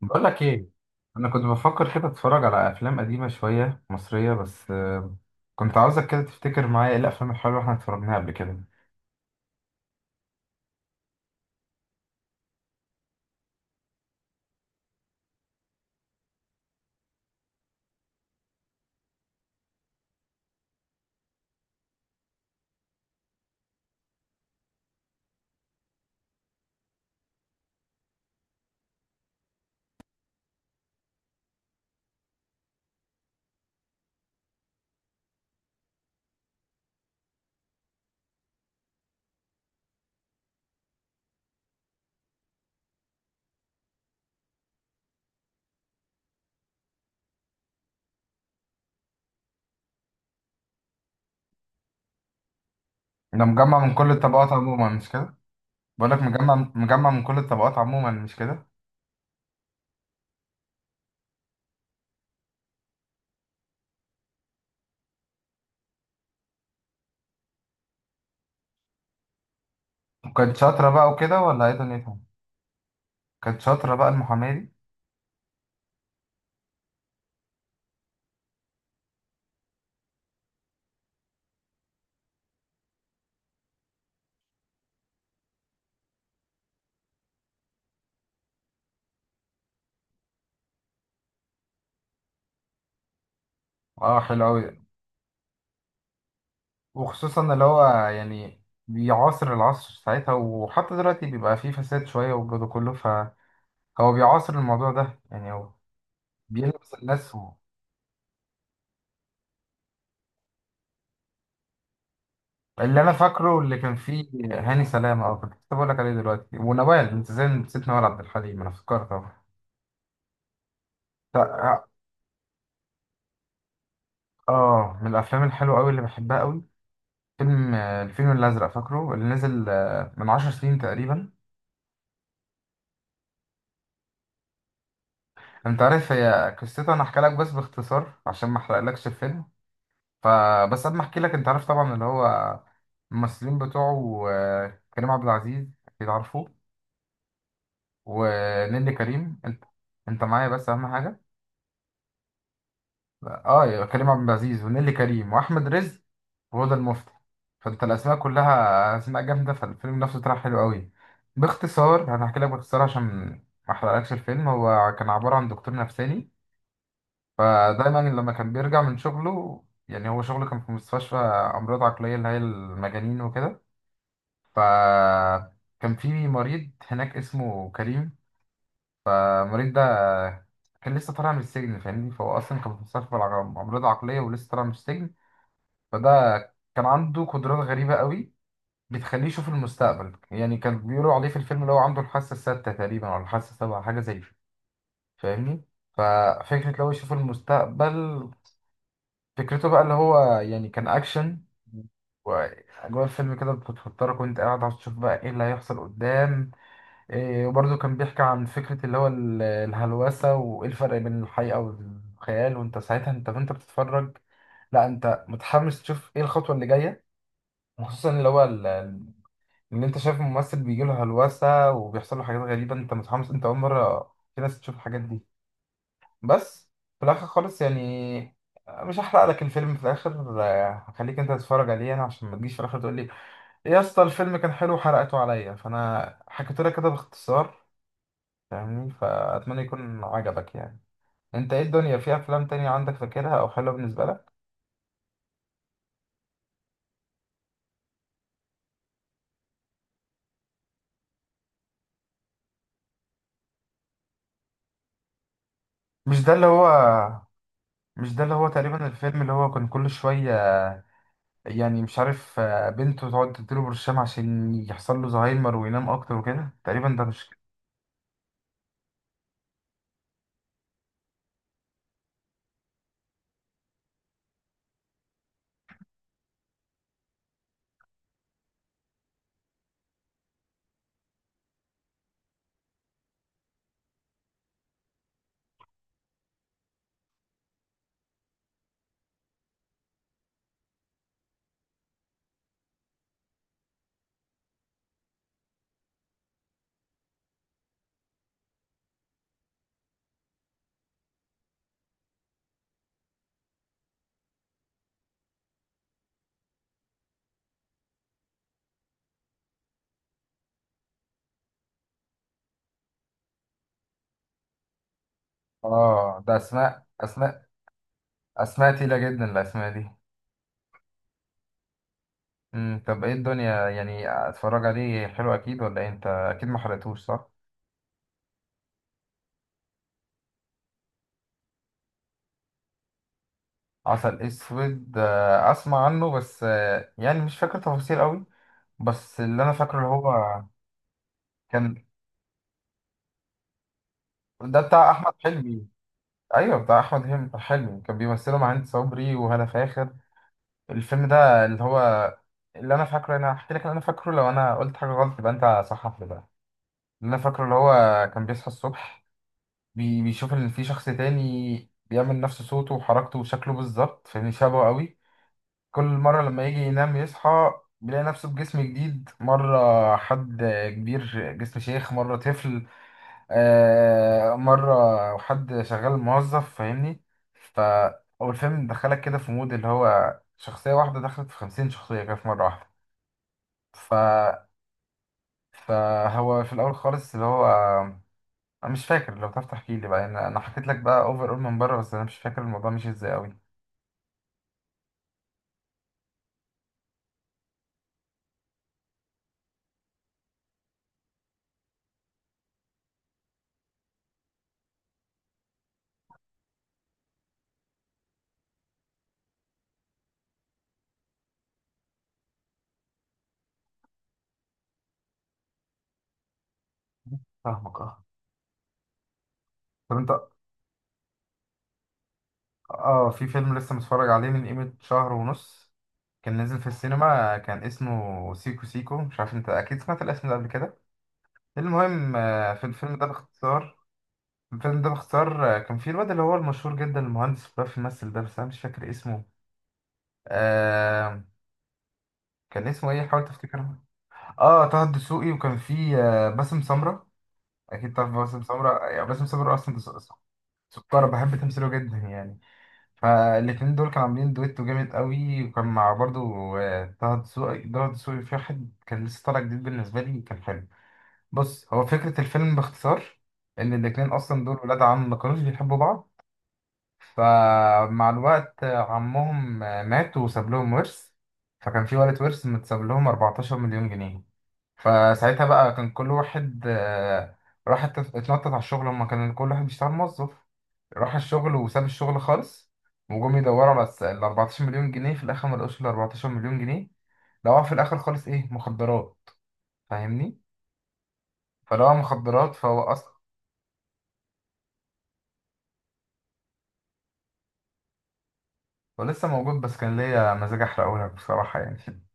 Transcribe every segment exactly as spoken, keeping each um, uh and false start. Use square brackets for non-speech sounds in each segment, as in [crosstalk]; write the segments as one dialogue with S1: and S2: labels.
S1: بقول لك ايه. انا كنت بفكر كده اتفرج على افلام قديمه شويه مصريه بس آه، كنت عاوزك كده تفتكر معايا ايه الافلام الحلوه اللي احنا اتفرجناها قبل كده. انا مجمع من كل الطبقات عموما، مش كده؟ بقول لك مجمع مجمع من كل الطبقات عموما، مش كده؟ وكانت شاطره بقى وكده ولا ايه دنيتها؟ كانت شاطره بقى المحاماه دي؟ اه، حلو قوي. وخصوصا اللي هو يعني بيعاصر العصر ساعتها، وحتى دلوقتي بيبقى فيه فساد شويه والجو ده كله، فهو بيعاصر الموضوع ده يعني. هو بيلبس الناس. اللي انا فاكره اللي كان فيه هاني سلامه. اه، كنت لسه بقول لك عليه دلوقتي، ونوال. انت ازاي نسيت نوال عبد الحليم؟ انا افتكرت اهو. تا- اه آه، من الافلام الحلوه قوي اللي بحبها قوي فيلم آه، الفيل الازرق، فاكره؟ اللي نزل آه، من عشر سنين تقريبا. انت عارف هي قصته؟ انا احكي لك بس باختصار عشان ما احرقلكش الفيلم. فبس قبل ما احكي لك، انت عارف طبعا اللي هو الممثلين بتوعه آه، كريم عبد العزيز، اكيد عارفه، ونيللي كريم. انت انت معايا؟ بس اهم حاجه. اه، يبقى كريم عبد العزيز ونيلي كريم واحمد رزق وهدى المفتي. فانت الاسماء كلها اسماء جامده، فالفيلم نفسه طلع حلو قوي. باختصار انا هحكي لك باختصار عشان ما احرقلكش الفيلم. هو كان عباره عن دكتور نفساني، فدايما لما كان بيرجع من شغله يعني، هو شغله كان في مستشفى امراض عقليه، اللي هي المجانين وكده. فكان في مريض هناك اسمه كريم. المريض ده كان لسه طالع من السجن، فاهمني؟ فهو اصلا كان في مستشفى الع- امراض عقليه ولسه طالع من السجن. فده كان عنده قدرات غريبة قوي، بتخليه يشوف المستقبل. يعني كان بيقولوا عليه في الفيلم اللي هو عنده الحاسة الستة تقريبا أو الحاسة السابعة، حاجة زي كده، فاهمني؟ ففكرة لو يشوف المستقبل، فكرته بقى اللي هو يعني كان أكشن، وأجواء الفيلم كده بتفطرك وأنت قاعد عشان تشوف بقى إيه اللي هيحصل قدام. إيه، وبرضه كان بيحكي عن فكرة اللي هو ال- الهلوسة وإيه الفرق بين الحقيقة والخيال، وأنت ساعتها أنت وأنت بتتفرج، لا، أنت متحمس تشوف إيه الخطوة اللي جاية. وخصوصا اللي هو ال- ال- ان انت شايف ممثل بيجي له هلوسه وبيحصل له حاجات غريبه، انت متحمس، انت اول مره في ناس تشوف الحاجات دي. بس في الاخر خالص يعني، مش هحرق لك الفيلم في الاخر. آه، هخليك انت تتفرج عليه انا، عشان ما تجيش في الاخر تقول لي "إيه يا اسطى الفيلم كان حلو وحرقته عليا". فانا حكيت لك كده باختصار، فاهمني؟ فاتمنى يكون عجبك يعني. انت ايه الدنيا، في افلام تانية عندك فاكرها او حلوه بالنسبه لك؟ مش ده اللي هو؟ مش ده اللي هو تقريبا؟ الفيلم اللي هو كان كل شويه يعني، مش عارف، آه، بنته تقعد تديله برشام عشان يحصل له زهايمر وينام اكتر وكده، تقريبا، ده مش؟ اه، ده اسماء، اسماء اسماء تقيلة جدا الاسماء دي. امم طب ايه الدنيا يعني، اتفرج عليه، حلو اكيد ولا إيه؟ انت اكيد ما حرقتوش، صح؟ عسل اسود، آه، اسمع عنه بس، آه، يعني مش فاكر تفاصيل قوي. بس اللي انا فاكره اللي هو كان، ده بتاع احمد حلمي؟ ايوه، بتاع احمد حلمي حلمي كان بيمثله مع هند صبري وهالة فاخر. الفيلم ده اللي هو، اللي انا فاكره، انا هحكي لك اللي انا فاكره، لو انا قلت حاجه غلط يبقى انت صحح لي بقى. اللي انا فاكره اللي هو كان بيصحى الصبح، بي... بيشوف ان في شخص تاني بيعمل نفس صوته وحركته وشكله بالظبط، فاهمني؟ شبهه قوي. كل مرة لما يجي ينام يصحى بيلاقي نفسه بجسم جديد. مرة حد كبير جسم شيخ، مرة طفل، آه، مرة حد شغال موظف، فاهمني؟ ف، هو الفيلم دخلك كده في مود اللي هو شخصية واحدة دخلت في خمسين شخصية كده في مرة واحدة. ف، فهو في الأول خالص اللي هو، أنا مش فاكر. لو تعرف تحكي لي بقى، أنا أنا حكيت لك بقى أوفر، أول من بره، بس أنا مش فاكر الموضوع مشي إزاي أوي. فاهمك. اه، طب أنت. اه، في فيلم لسه متفرج عليه من قيمة شهر ونص، كان نزل في السينما، كان اسمه سيكو سيكو، مش عارف، انت اكيد سمعت الاسم ده قبل كده. المهم، آه، في الفيلم ده باختصار. الفيلم ده باختصار آه، كان فيه الواد اللي هو المشهور جدا، المهندس اللي بيعرف يمثل ده، بس انا مش فاكر اسمه. آه، كان اسمه ايه؟ حاول تفتكره. اه، طه الدسوقي، وكان فيه آه باسم سمرة، اكيد تعرف باسم سمرة يعني. باسم سمرة اصلا ده سكارة، بحب تمثيله جدا يعني. فالاتنين دول كانوا عاملين دويتو جامد قوي، وكان مع برضو آه، طه دسوقي طه دسوقي في واحد كان لسه طالع جديد بالنسبة لي، كان حلو. بص، هو فكرة الفيلم باختصار إن الاتنين أصلا دول ولاد عم، ما كانوش بيحبوا بعض. فمع الوقت آه، عمهم آه، مات وساب لهم ورث، فكان في ولد ورث متساب لهم اربعتاشر مليون جنيه مليون جنيه. فساعتها بقى كان كل واحد آه، راح ات- اتنطط على الشغل. هما كان كل واحد بيشتغل موظف، راح الشغل وساب الشغل خالص، وجم يدوروا على الس- ال اربعتاشر مليون جنيه مليون جنيه. في الاخر ما لقوش ال أربعة عشر مليون جنيه مليون جنيه، لقوها في الاخر خالص، ايه، مخدرات، فاهمني؟ فلقوها مخدرات. فهو اصلا ولسه موجود، بس كان ليا مزاج احرقه لك بصراحة يعني [laughs]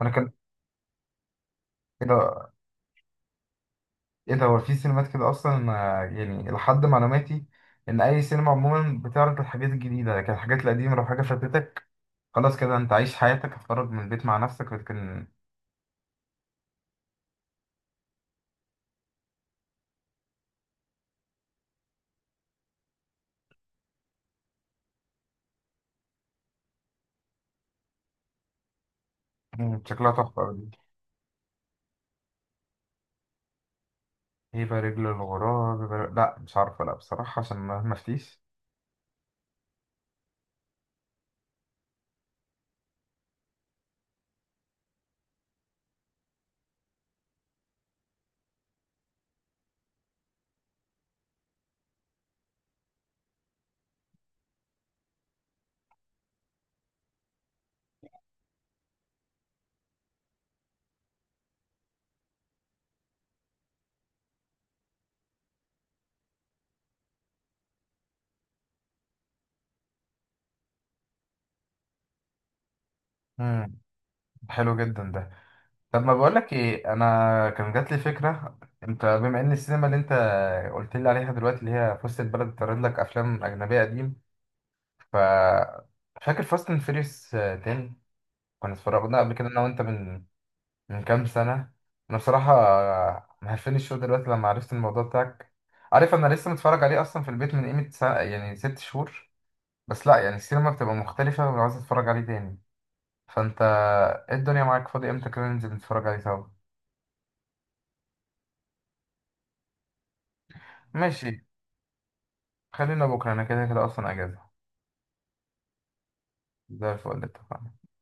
S1: وانا كان ايه ده، ايه ده؟ هو في سينمات كده اصلا ما- يعني، لحد معلوماتي ان اي سينما عموما بتعرض الحاجات الجديدة، لكن الحاجات القديمة، لو حاجة فاتتك خلاص كده، انت عايش حياتك، هتخرج من البيت مع نفسك لكن. مم، شكلها تحفة أوي دي. هيبة رجل الغراب، يبقى- لا، مش عارفة، لا بصراحة، عشان ما ما افتيش. مم، حلو جدا ده. طب ما بقولك ايه، انا كان جات لي فكرة، انت بما ان السينما اللي انت قلت لي عليها دلوقتي، اللي هي في وسط البلد، بتعرض لك افلام اجنبية قديم. ف، فاكر فاست اند فيريوس عشرة؟ كنا اتفرجنا قبل كده انا وانت من من كام سنة. أنا بصراحة مهفني الشو دلوقتي لما عرفت الموضوع بتاعك. عارف، أنا لسه متفرج عليه أصلا في البيت من قيمة سنة يعني ست شهور. بس لأ، يعني السينما بتبقى مختلفة، وعاوز أتفرج عليه تاني. فأنت إيه الدنيا، معاك فاضي إمتى كده ننزل نتفرج عليه سوا؟ ماشي، خلينا بكرة، أنا كده كده أصلا أجازة. زي الفل، اتفقنا.